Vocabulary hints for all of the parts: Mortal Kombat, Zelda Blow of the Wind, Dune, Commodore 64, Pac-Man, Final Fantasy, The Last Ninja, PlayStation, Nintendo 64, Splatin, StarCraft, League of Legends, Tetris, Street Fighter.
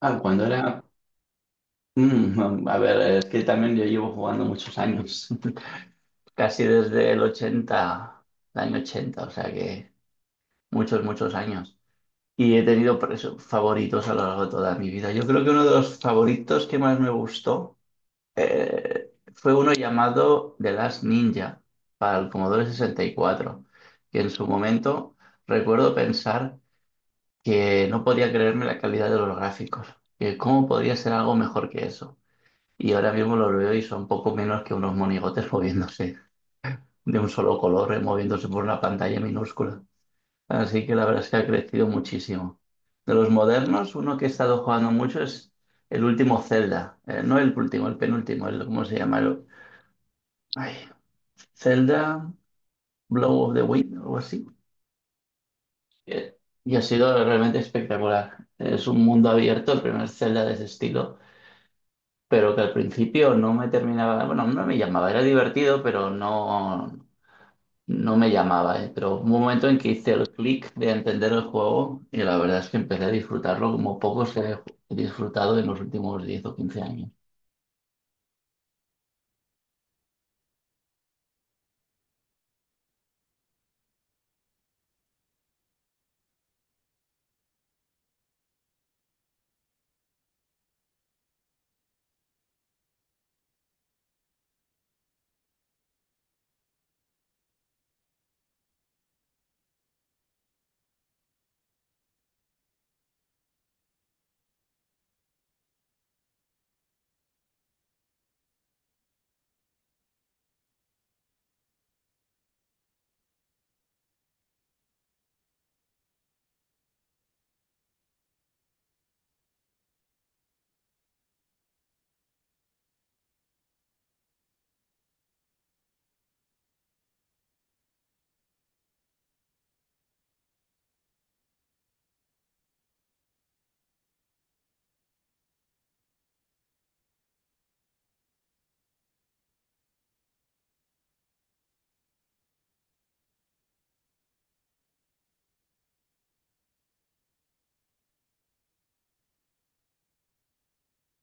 Cuando era... a ver, es que también yo llevo jugando muchos años, casi desde el 80, el año 80, o sea que muchos años. Y he tenido favoritos a lo largo de toda mi vida. Yo creo que uno de los favoritos que más me gustó fue uno llamado The Last Ninja para el Commodore 64, que en su momento recuerdo pensar que no podía creerme la calidad de los gráficos, que cómo podría ser algo mejor que eso. Y ahora mismo los veo y son poco menos que unos monigotes moviéndose de un solo color, moviéndose por una pantalla minúscula. Así que la verdad es que ha crecido muchísimo. De los modernos, uno que he estado jugando mucho es el último Zelda. No el último, el penúltimo, ¿cómo se llama? Ay, Zelda Blow of the Wind, algo así. Eh, y ha sido realmente espectacular. Es un mundo abierto, el primer Zelda de ese estilo, pero que al principio no me terminaba, bueno, no me llamaba, era divertido, pero no, no me llamaba, pero hubo un momento en que hice el clic de entender el juego y la verdad es que empecé a disfrutarlo como pocos he disfrutado en los últimos 10 o 15 años.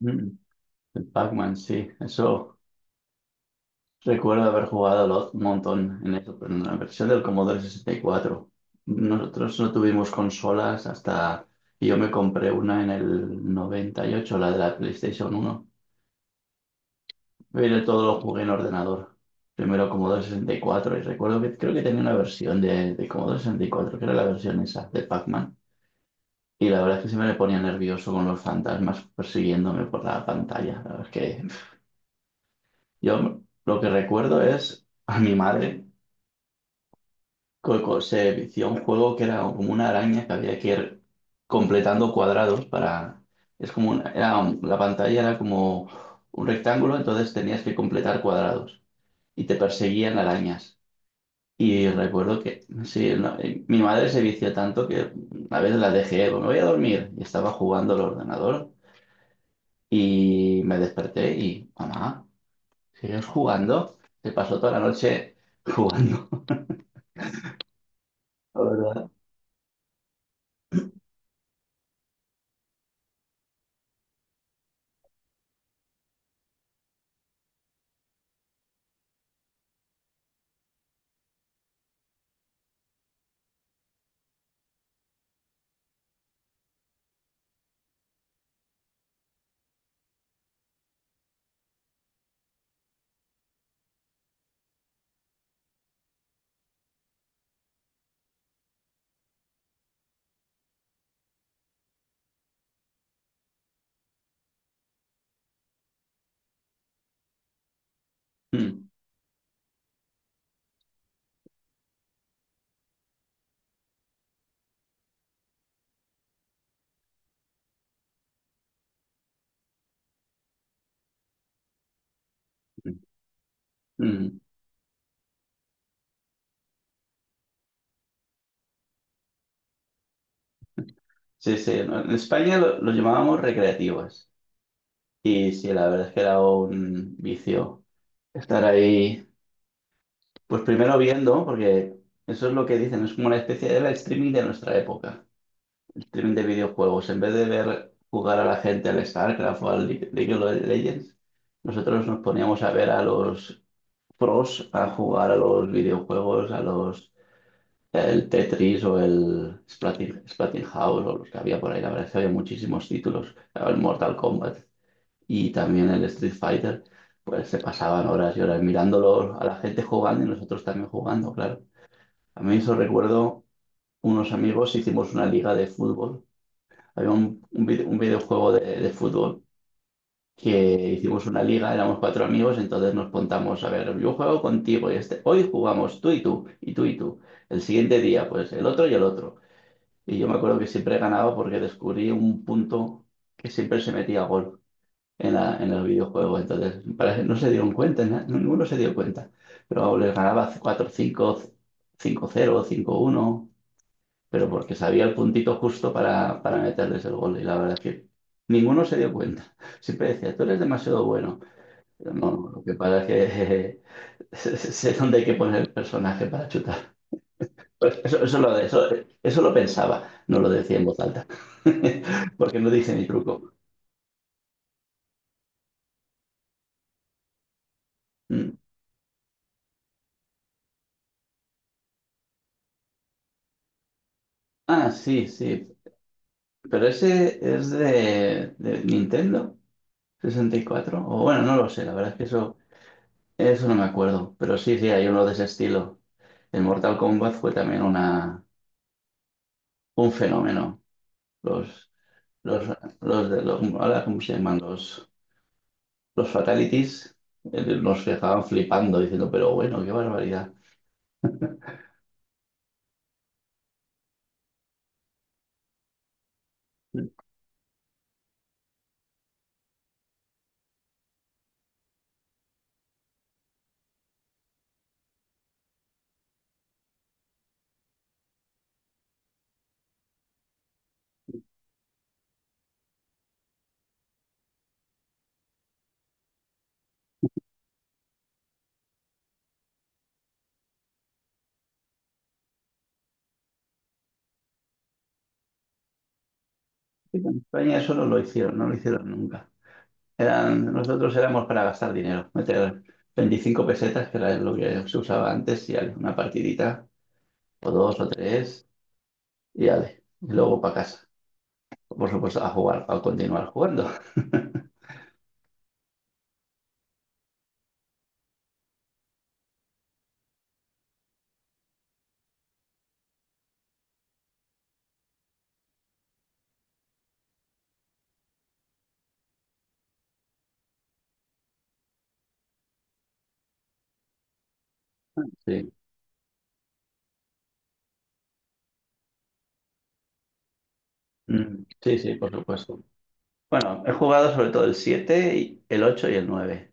Mm, el Pac-Man, sí. Eso recuerdo haber jugado un montón en eso, pero en la versión del Commodore 64. Nosotros no tuvimos consolas hasta... Y yo me compré una en el 98, la de la PlayStation uno. Pero todos los jugué en ordenador. Primero Commodore 64 y recuerdo que creo que tenía una versión de Commodore 64 que era la versión esa de Pac-Man. Y la verdad es que siempre me ponía nervioso con los fantasmas persiguiéndome por la pantalla. La verdad es que yo lo que recuerdo es a mi madre se vició un juego que era como una araña que había que ir completando cuadrados para... Es como era la pantalla era como un rectángulo, entonces tenías que completar cuadrados y te perseguían arañas. Y recuerdo que, sí, no, mi madre se vició tanto que a veces la dejé, "Pues me voy a dormir". Y estaba jugando al ordenador y me desperté y, mamá, ¿sigues jugando? Se pasó toda la noche jugando, la verdad. Mm, mm. mm. Sí, sí, no, en España lo llamábamos recreativas. Y sí, la verdad es que era un vicio estar ahí, pues primero viendo, porque eso es lo que dicen, es como una especie de live streaming de nuestra época. Streaming de videojuegos. En vez de ver jugar a la gente al StarCraft o al League of Legends, nosotros nos poníamos a ver a los pros a jugar a los videojuegos, a los, el Tetris o el Splatin, House o los que había por ahí. La verdad es que había muchísimos títulos. El Mortal Kombat y también el Street Fighter. Pues se pasaban horas y horas mirándolo a la gente jugando y nosotros también jugando, claro. A mí eso recuerdo, unos amigos, hicimos una liga de fútbol, había un un videojuego de fútbol, que hicimos una liga, éramos cuatro amigos, entonces nos contamos, a ver, yo juego contigo y este, hoy jugamos tú y tú, y tú y tú. El siguiente día, pues el otro. Y yo me acuerdo que siempre ganaba porque descubrí un punto que siempre se metía gol en la, en el videojuego. Entonces, no se dieron cuenta, ninguno se dio cuenta. Pero vamos, les ganaba 4 cinco, 5-0, cinco uno, pero porque sabía el puntito justo para meterles el gol. Y la verdad es que ninguno se dio cuenta. Siempre decía, tú eres demasiado bueno. Pero no, lo que pasa es que sé dónde hay que poner el personaje para chutar. Pues eso, lo, eso lo pensaba, no lo decía en voz alta, porque no dice mi truco. Mm. Sí, sí, pero ese es de Nintendo 64, o bueno, no lo sé, la verdad es que eso no me acuerdo, pero sí, sí, hay uno de ese estilo. El Mortal Kombat fue también un fenómeno. Los, los, los de los, ahora, ¿cómo se llaman? Los Fatalities, nos dejaban flipando, diciendo, pero bueno, qué barbaridad. En España eso no lo hicieron, no lo hicieron nunca. Eran, nosotros éramos para gastar dinero, meter 25 pesetas, que era lo que se usaba antes, y ale, una partidita, o dos o tres, y ale, y luego para casa. Por supuesto, a jugar, a continuar jugando. Sí, mm, sí, sí, por supuesto. Bueno, he jugado sobre todo el 7, el 8 y el nueve.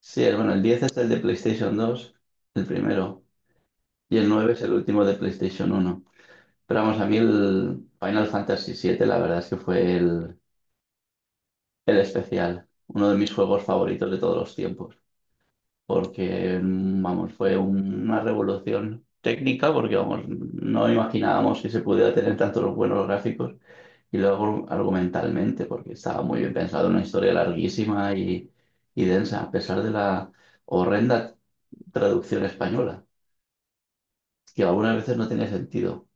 Sí, bueno, el 10 es el de PlayStation dos, el primero, y el 9 es el último de PlayStation uno. Pero vamos, a mí el Final Fantasy siete, la verdad es que fue el especial, uno de mis juegos favoritos de todos los tiempos, porque, mm, vamos, fue una revolución técnica, porque, vamos, no imaginábamos que se pudiera tener tantos buenos gráficos. Y luego argumentalmente, porque estaba muy bien pensado, una historia larguísima y densa, a pesar de la horrenda traducción española, que algunas veces no tenía sentido.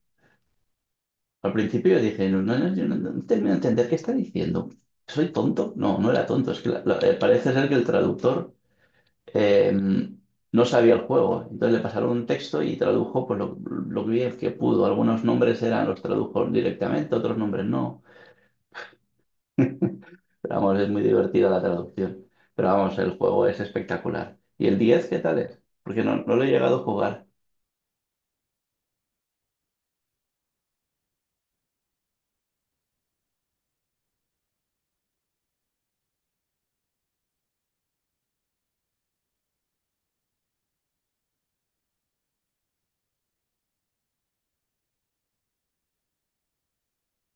Al principio yo dije, no, no, no, yo no termino de entender qué está diciendo. ¿Soy tonto? No, no era tonto. Es que parece ser que el traductor, eh, no sabía el juego. Entonces le pasaron un texto y tradujo pues, lo bien que pudo. Algunos nombres eran, los tradujo directamente, otros nombres no. Pero vamos, es muy divertida la traducción. Pero vamos, el juego es espectacular. ¿Y el 10, qué tal es? Porque no, no lo he llegado a jugar.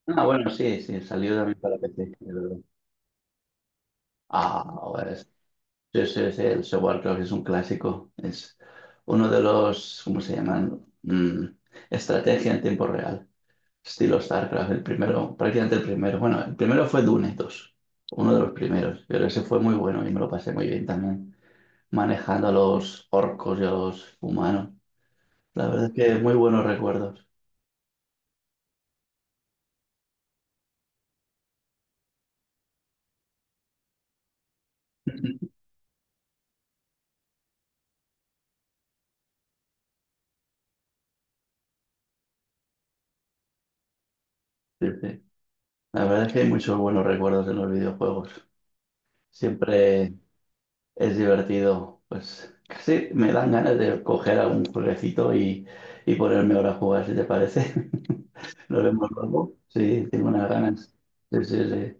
Ah, bueno, sí, sí, salió también para PC. Es verdad. Ah, ahora es, sí, sí, sí, el software creo es un clásico. Es uno de los, ¿cómo se llaman? Mm, estrategia en tiempo real. Estilo StarCraft, el primero, prácticamente el primero. Bueno, el primero fue Dune dos, uno de los primeros. Pero ese fue muy bueno y me lo pasé muy bien también, manejando a los orcos y a los humanos. La verdad es que muy buenos recuerdos. Sí, sí. La verdad es que hay muchos buenos recuerdos en los videojuegos. Siempre es divertido. Pues casi me dan ganas de coger algún jueguecito y ponerme ahora a jugar, si te parece. Lo vemos luego. Sí, tengo unas ganas. Sí, sí, sí.